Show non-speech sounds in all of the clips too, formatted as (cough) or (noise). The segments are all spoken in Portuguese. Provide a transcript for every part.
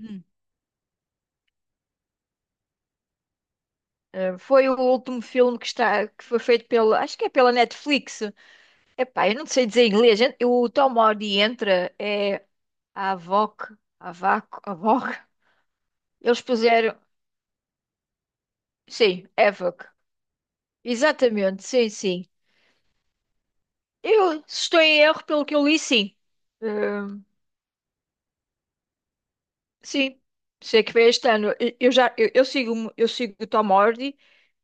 Hum. Foi o último filme que foi feito acho que é pela Netflix. Epá, eu não sei dizer em inglês, gente. O Tom Hardy entra, é a Avoc, Avaco, Avoc. Eles puseram, sim, Avoc. Exatamente, sim, sim. Eu, se estou em erro, pelo que eu li, sim. Eh, Sim, sei que foi este ano. Eu já eu sigo o Tom Hardy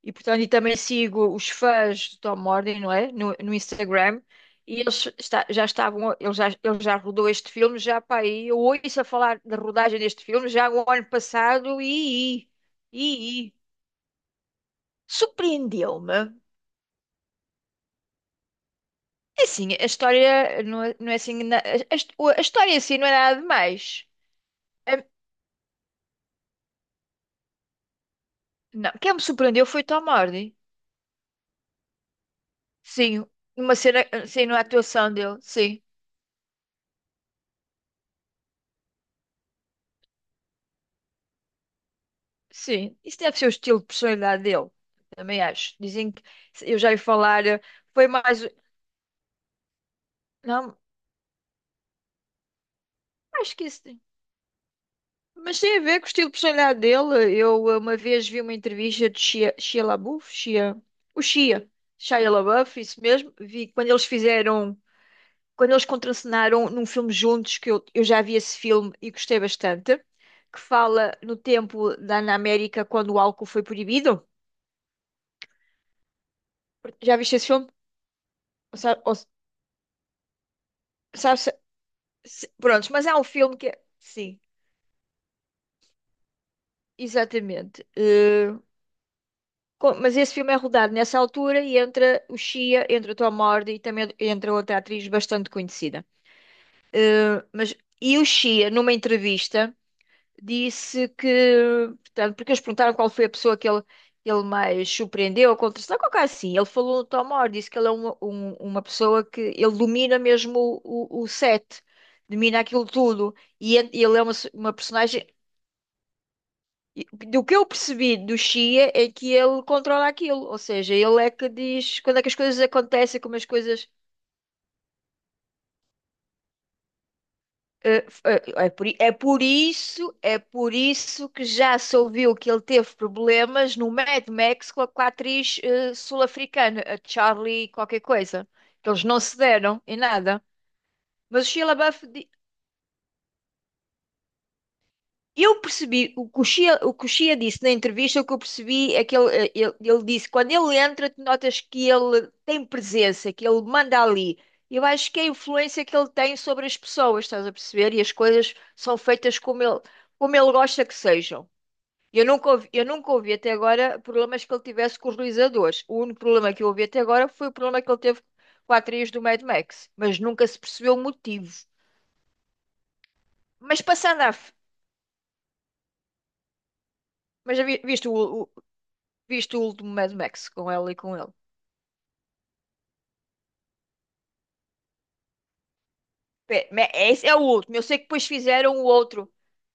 e portanto e também sigo os fãs do Tom Hardy, não é? No Instagram e eles está- já estavam ele já rodou este filme já para aí. Eu ouço a falar da rodagem deste filme já o ano passado. E surpreendeu-me. É assim, a história não é assim a história em si não é nada demais. A- Não, quem me surpreendeu foi o Tom Hardy. Sim, uma cena, sim, na atuação dele, sim, sim. Isso deve ser o estilo de personalidade dele, também acho. Dizem que eu já ia falar, foi mais. Não, acho que isso. Mas tem a ver com o estilo de personalidade dele. Eu uma vez vi uma entrevista de Shia, Shia LaBeouf, Shia, o Shia, Shia LaBeouf, isso mesmo. Vi quando quando eles contracenaram num filme juntos, que eu já vi esse filme e gostei bastante, que fala no tempo da, na América quando o álcool foi proibido. Já viste esse filme? Ou sa- ou- Sabes, prontos, mas há um filme que é. Sim, exatamente. Mas esse filme é rodado nessa altura e entra o Shia, entra a Tom Hardy e também entra outra atriz bastante conhecida. Mas, e o Shia, numa entrevista. Disse que, portanto, porque eles perguntaram qual foi a pessoa que ele mais surpreendeu ou contrariou, qualquer coisa assim. Ele falou do Tom Moore, disse que ele é uma pessoa que ele domina mesmo o set, domina aquilo tudo. Ele é uma personagem. E do que eu percebi do Shia é que ele controla aquilo, ou seja, ele é que diz quando é que as coisas acontecem, como as coisas. Eh, f- eh, É por, i- é por isso que já se ouviu que ele teve problemas no Mad Max com a atriz sul-africana, a Charlie qualquer coisa, que eles não se deram em nada. Mas o Shia LaBeouf Eu percebi, o Coxia disse na entrevista, o que eu percebi é que ele disse, quando ele entra, tu notas que ele tem presença, que ele manda ali. Eu acho que é a influência que ele tem sobre as pessoas, estás a perceber? E as coisas são feitas como ele gosta que sejam. Eu nunca ouvi até agora problemas que ele tivesse com os realizadores. O único problema que eu ouvi até agora foi o problema que ele teve com a atriz do Mad Max, mas nunca se percebeu o motivo. Mas passando à, f- mas já viste o último Mad Max com ela e com ele. Esse é o último. Eu sei que depois fizeram o outro.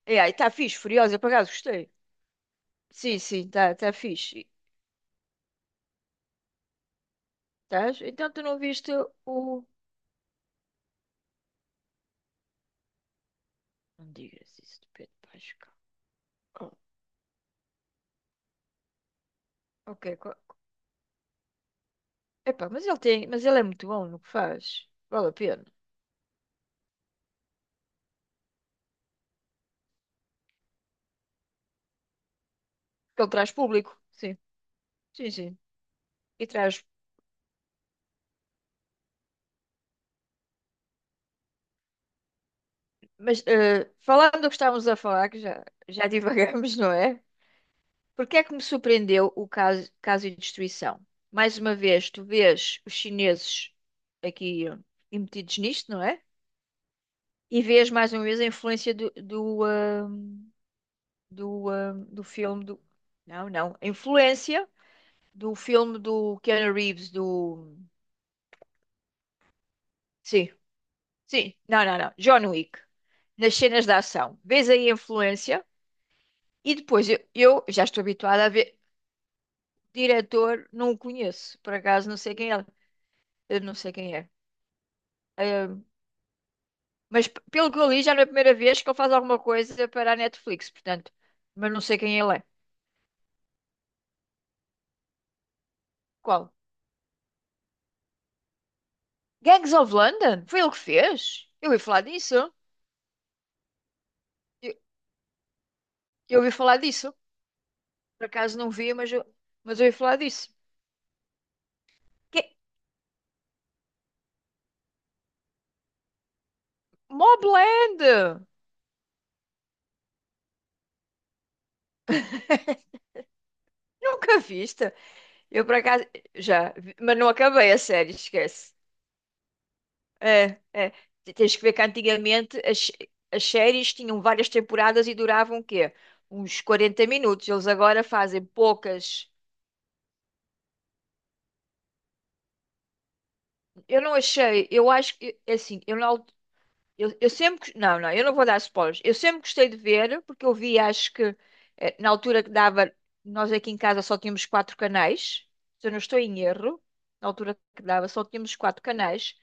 E aí, tá fixe, Furiosa, por acaso gostei. Sim, sim, tá, tá fixe. Tás? Então tu não viste o. Não digas isso de Pedro Pascal. Oh, ok. Epá, mas ele tem. Mas ele é muito bom no que faz. Vale a pena. Porque ele traz público. Sim, sim, sim. E traz. Mas falando do que estávamos a falar, que já (laughs) divagamos, não é? Por que é que me surpreendeu o caso de destruição? Mais uma vez, tu vês os chineses aqui metidos nisto, não é? E vês mais uma vez a influência do filme do. Não, não. A influência do filme do Keanu Reeves, do. Sim, sim. Não, não, não. John Wick. Nas cenas de ação. Vês aí a influência e depois eu já estou habituada a ver. Diretor, não o conheço. Por acaso, não sei quem é. Eu não sei quem é. Hum, Mas pelo que eu li, já não é a primeira vez que ele faz alguma coisa para a Netflix, portanto. Mas não sei quem ele é. Qual? Gangs of London? Foi ele que fez? Eu ouvi falar disso. Eu, eu ouvi falar disso. Por acaso não vi, mas eu ouvi falar disso. Que... Mobland! Nunca viste? Eu por acaso já, mas não acabei a série, esquece. É, é. Tens que ver que antigamente as séries tinham várias temporadas e duravam o quê? Uns 40 minutos. Eles agora fazem poucas. Eu não achei, eu acho que, é assim, eu não, eu sempre, não, não, eu não vou dar spoilers. Eu sempre gostei de ver, porque eu vi, acho que, na altura que dava, nós aqui em casa só tínhamos quatro canais, se eu não estou em erro, na altura que dava só tínhamos quatro canais.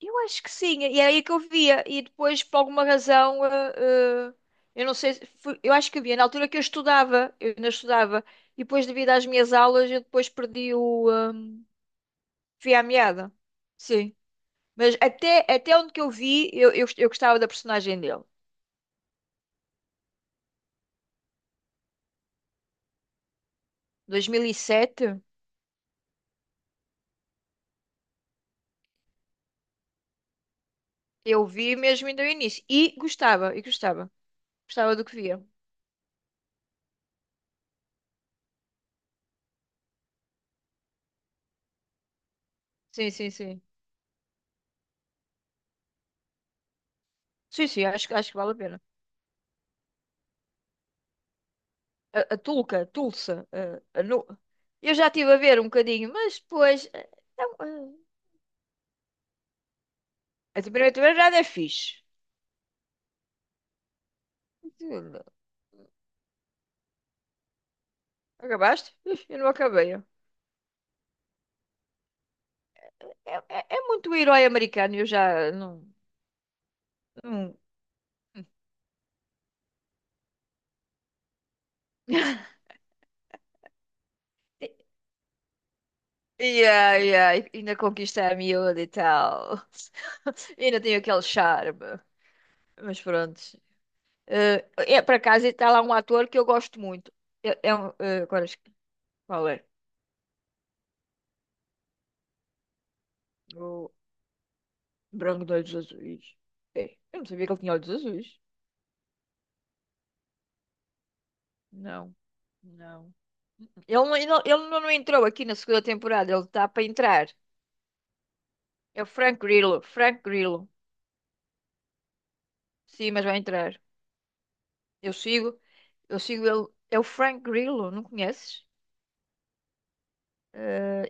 Eu acho que sim, e era aí que eu via, e depois, por alguma razão, eu não sei, se foi- eu acho que havia na altura que eu estudava, eu ainda estudava, e depois, devido às minhas aulas, eu depois perdi o, fio à meada. Sim. Mas até onde que eu vi, eu gostava da personagem dele. 2007, eu vi mesmo ainda o início. E gostava, e gostava. Gostava do que via. Sim, sim, sim. Sim, sim, acho, acho que vale a pena. A Tulca, a Tulsa, a, a Nu- Eu já estive a ver um bocadinho, mas depois, não, a primeira temporada é fixe. Aquilo- Acabaste? Ih, eu não acabei. É, é, é muito herói americano, eu já não. não- (laughs) Yeah, yeah, e ainda conquista a miúda e tal. (laughs) E ainda tem aquele charme. Mas pronto. Eh, É, por acaso está lá um ator que eu gosto muito. É, é um, agora qual é? O Branco de Olhos Azuis. É, eu não sabia que ele tinha olhos azuis. Não, não. Ele não entrou aqui na segunda temporada. Ele está para entrar. É o Frank Grillo. Frank Grillo. Sim, mas vai entrar. Eu sigo. Eu sigo ele. É o Frank Grillo, não conheces? Eh,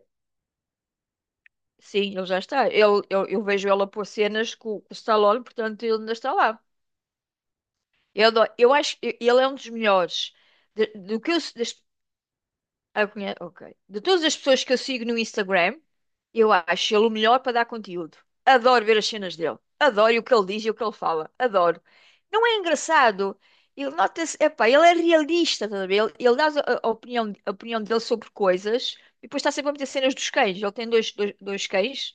Sim, ele já está. Eu vejo ele a pôr cenas com o Stallone, portanto ele ainda está lá. Eu acho que ele é um dos melhores. De, do que eu, se- das, ah, ok. De todas as pessoas que eu sigo no Instagram, eu acho ele o melhor para dar conteúdo. Adoro ver as cenas dele. Adoro o que ele diz e o que ele fala. Adoro. Não é engraçado? Ele nota-se, epá, ele é realista, estás a ver? Ele dá a opinião dele sobre coisas e depois está sempre a meter cenas dos cães. Ele tem dois cães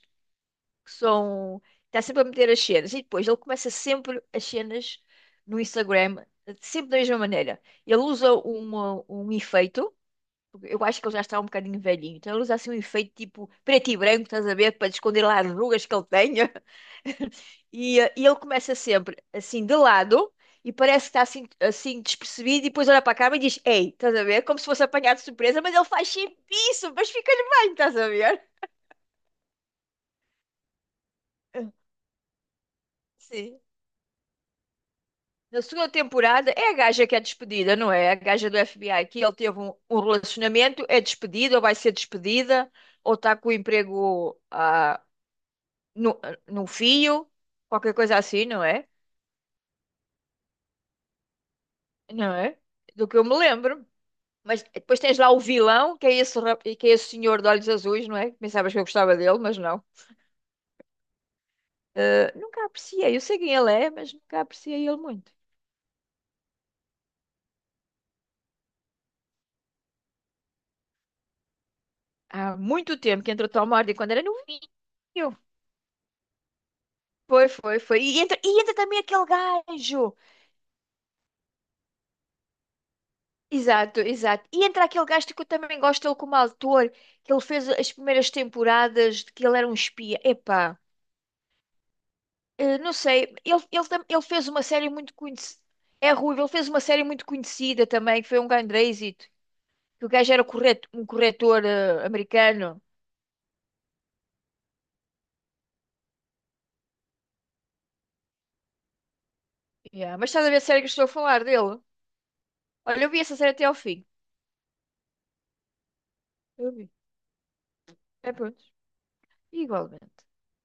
que são. Está sempre a meter as cenas. E depois ele começa sempre as cenas no Instagram, sempre da mesma maneira. Ele usa uma, um efeito, porque eu acho que ele já está um bocadinho velhinho, então ele usa assim um efeito tipo preto e branco, estás a ver, para esconder lá as rugas que ele tenha. (laughs) E ele começa sempre assim de lado. E parece que está assim, assim despercebido, e depois olha para a câmera e diz: Ei, estás a ver? Como se fosse apanhado de surpresa, mas ele faz sempre isso, mas ficas bem, estás a ver? (laughs) Sim. Na segunda temporada é a gaja que é despedida, não é? A gaja do FBI que ele teve um relacionamento, é despedida ou vai ser despedida, ou está com o emprego no, no fio, qualquer coisa assim, não é? Não é? Do que eu me lembro. Mas depois tens lá o vilão, que é esse, que é esse senhor de olhos azuis, não é? Pensavas que eu gostava dele, mas não. Ah, nunca apreciei, eu sei quem ele é, mas nunca apreciei ele muito. Há muito tempo que entrou Tom Hardy quando era novinho. Foi, foi, foi. E entra também aquele gajo. Exato, exato. E entra aquele gajo que eu também gosto dele como autor, que ele fez as primeiras temporadas, de que ele era um espia. Epá, não sei. Ele fez uma série muito conhecida. É ruivo, ele fez uma série muito conhecida também, que foi um grande êxito. Que o gajo era correto, um corretor americano. Yeah, mas estás a ver a série que eu estou a falar dele? Olha, eu vi essa série até ao fim. Eu vi. É pronto. Igualmente.